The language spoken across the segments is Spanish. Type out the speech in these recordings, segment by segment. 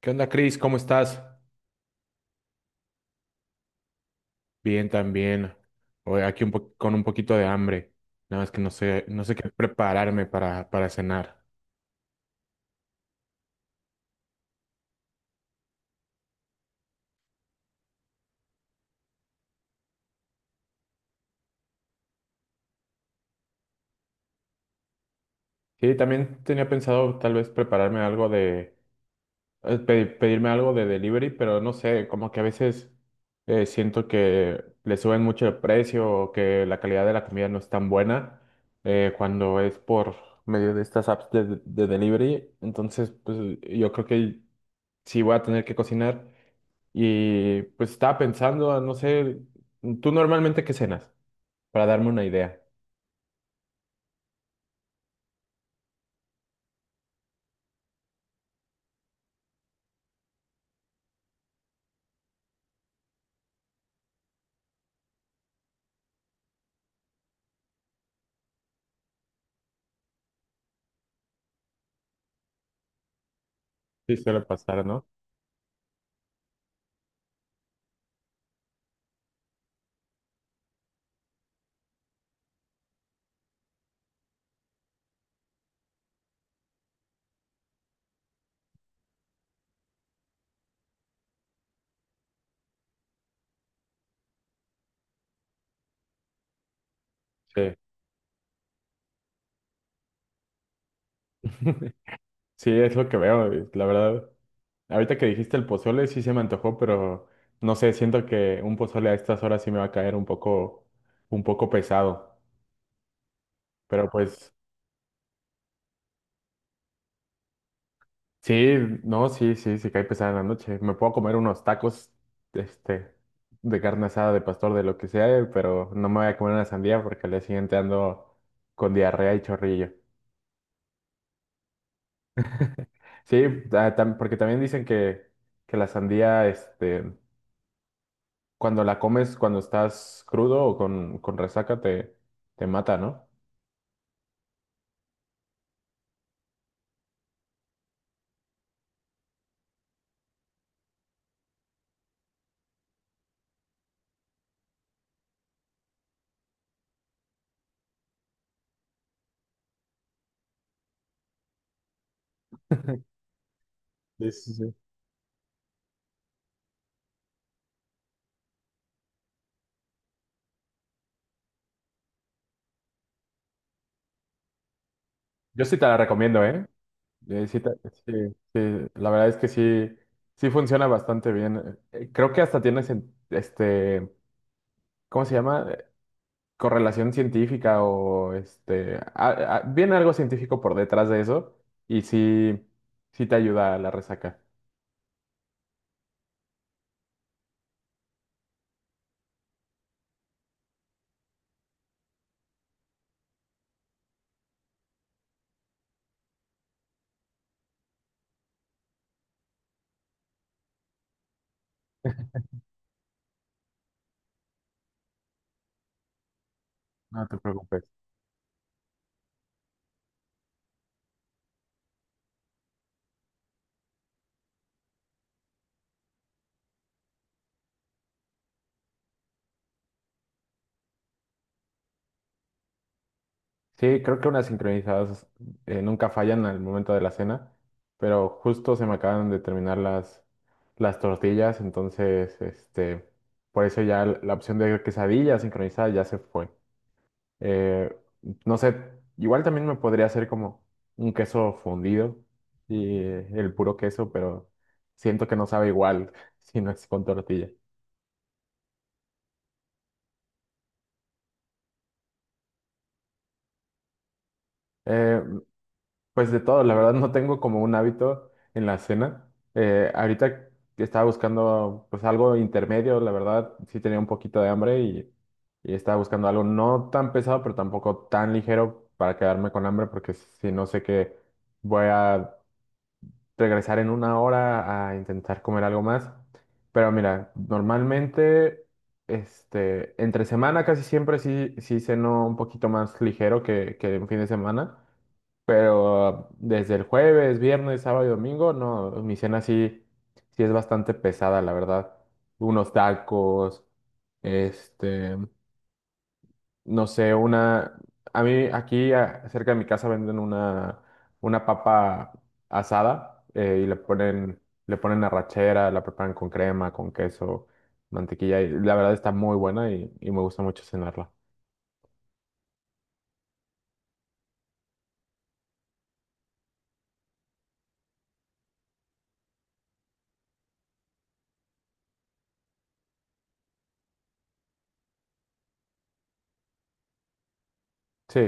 ¿Qué onda, Cris? ¿Cómo estás? Bien, también. Hoy aquí un con un poquito de hambre. Nada más que no sé qué prepararme para cenar. Sí, también tenía pensado tal vez prepararme algo de, pedirme algo de delivery, pero no sé, como que a veces siento que le suben mucho el precio o que la calidad de la comida no es tan buena, cuando es por medio de estas apps de delivery. Entonces, pues yo creo que sí voy a tener que cocinar. Y pues estaba pensando, no sé, ¿tú normalmente qué cenas? Para darme una idea. Sí, suele pasar, ¿no? Sí. Sí, es lo que veo, y la verdad. Ahorita que dijiste el pozole, sí se me antojó, pero no sé, siento que un pozole a estas horas sí me va a caer un poco pesado. Pero pues, sí, no, sí, sí, sí cae pesada en la noche. Me puedo comer unos tacos, este, de carne asada, de pastor, de lo que sea, pero no me voy a comer una sandía porque al día siguiente ando con diarrea y chorrillo. Sí, porque también dicen que la sandía, cuando la comes, cuando estás crudo o con resaca, te mata, ¿no? Sí, sí, sí. Yo sí te la recomiendo, ¿eh? Eh, sí, ta- sí, sí, la verdad es que sí, sí funciona bastante bien. Creo que hasta tiene, ¿cómo se llama? Correlación científica o viene algo científico por detrás de eso y sí, sí te ayuda a la resaca. No te preocupes. Sí, creo que unas sincronizadas nunca fallan al momento de la cena, pero justo se me acaban de terminar las tortillas, entonces, por eso ya la opción de quesadilla sincronizada ya se fue. Eh, no sé, igual también me podría hacer como un queso fundido y el puro queso, pero siento que no sabe igual si no es con tortilla. Eh, Pues de todo, la verdad no tengo como un hábito en la cena. Ahorita que estaba buscando pues algo intermedio, la verdad sí tenía un poquito de hambre y estaba buscando algo no tan pesado, pero tampoco tan ligero para quedarme con hambre, porque si no sé que voy a regresar en una hora a intentar comer algo más. Pero mira, normalmente entre semana casi siempre sí, sí ceno un poquito más ligero que en fin de semana. Pero desde el jueves, viernes, sábado y domingo, no, mi cena sí, sí es bastante pesada, la verdad. Unos tacos, este, no sé, una... A mí aquí cerca de mi casa venden una papa asada, le ponen arrachera, la preparan con crema, con queso, mantequilla y la verdad está muy buena y me gusta mucho cenarla. Sí,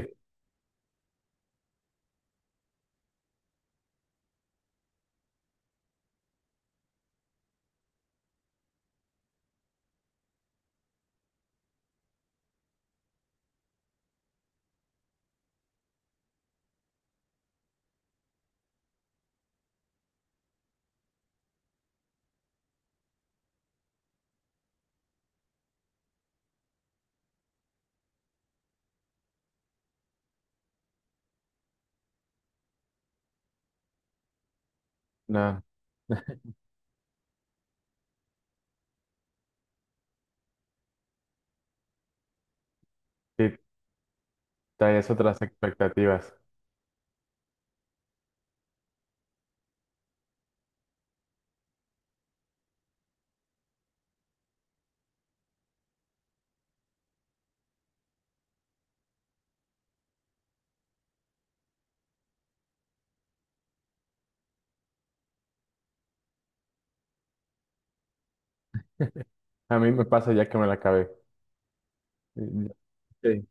nada, sí, traes otras expectativas. A mí me pasa ya que me la acabé. Mm, sí,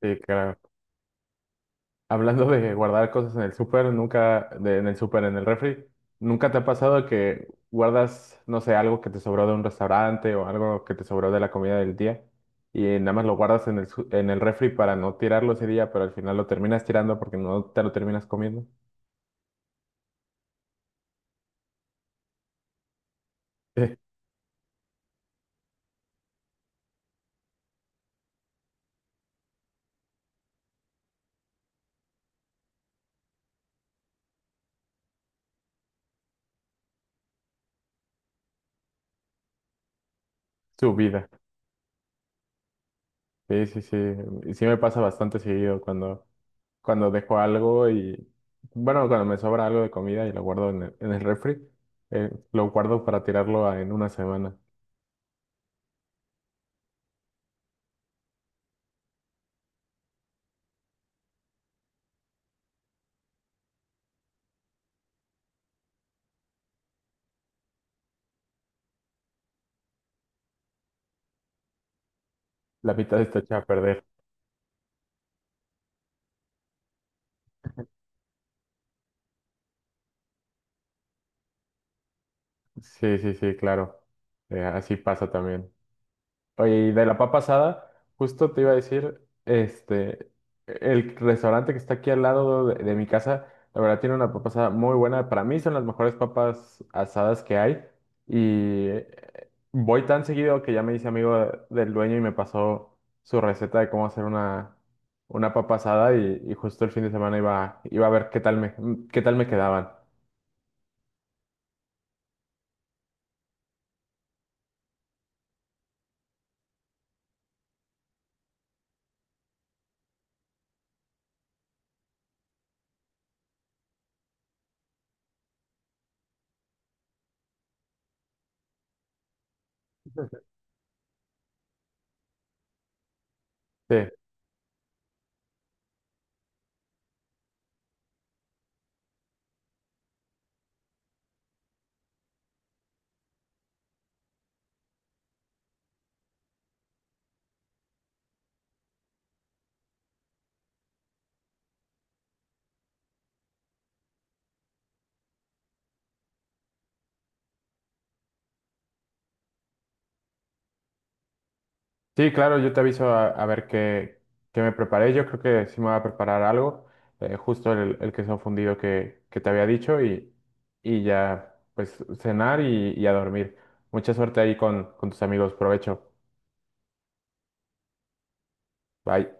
sí, claro. Hablando de guardar cosas en el súper, nunca, de- en el súper, en el refri, ¿nunca te ha pasado que guardas, no sé, algo que te sobró de un restaurante o algo que te sobró de la comida del día y nada más lo guardas en en el refri para no tirarlo ese día, pero al final lo terminas tirando porque no te lo terminas comiendo? Su vida. Sí, sí, sí. Sí me pasa bastante seguido cuando dejo algo y, bueno, cuando me sobra algo de comida y lo guardo en en el refri, lo guardo para tirarlo en una semana. La mitad está hecha a perder. Sí, sí, sí, claro. Así pasa también. Oye, y de la papa asada, justo te iba a decir, el restaurante que está aquí al lado de mi casa, la verdad tiene una papa asada muy buena. Para mí son las mejores papas asadas que hay. Y voy tan seguido que ya me hice amigo del dueño y me pasó su receta de cómo hacer una papa asada. Y justo el fin de semana iba a ver qué tal me quedaban. Sí. Sí, claro, yo te aviso a ver qué me preparé. Yo creo que sí me voy a preparar algo, justo el queso fundido que te había dicho y ya pues cenar y a dormir. Mucha suerte ahí con tus amigos, provecho. Bye.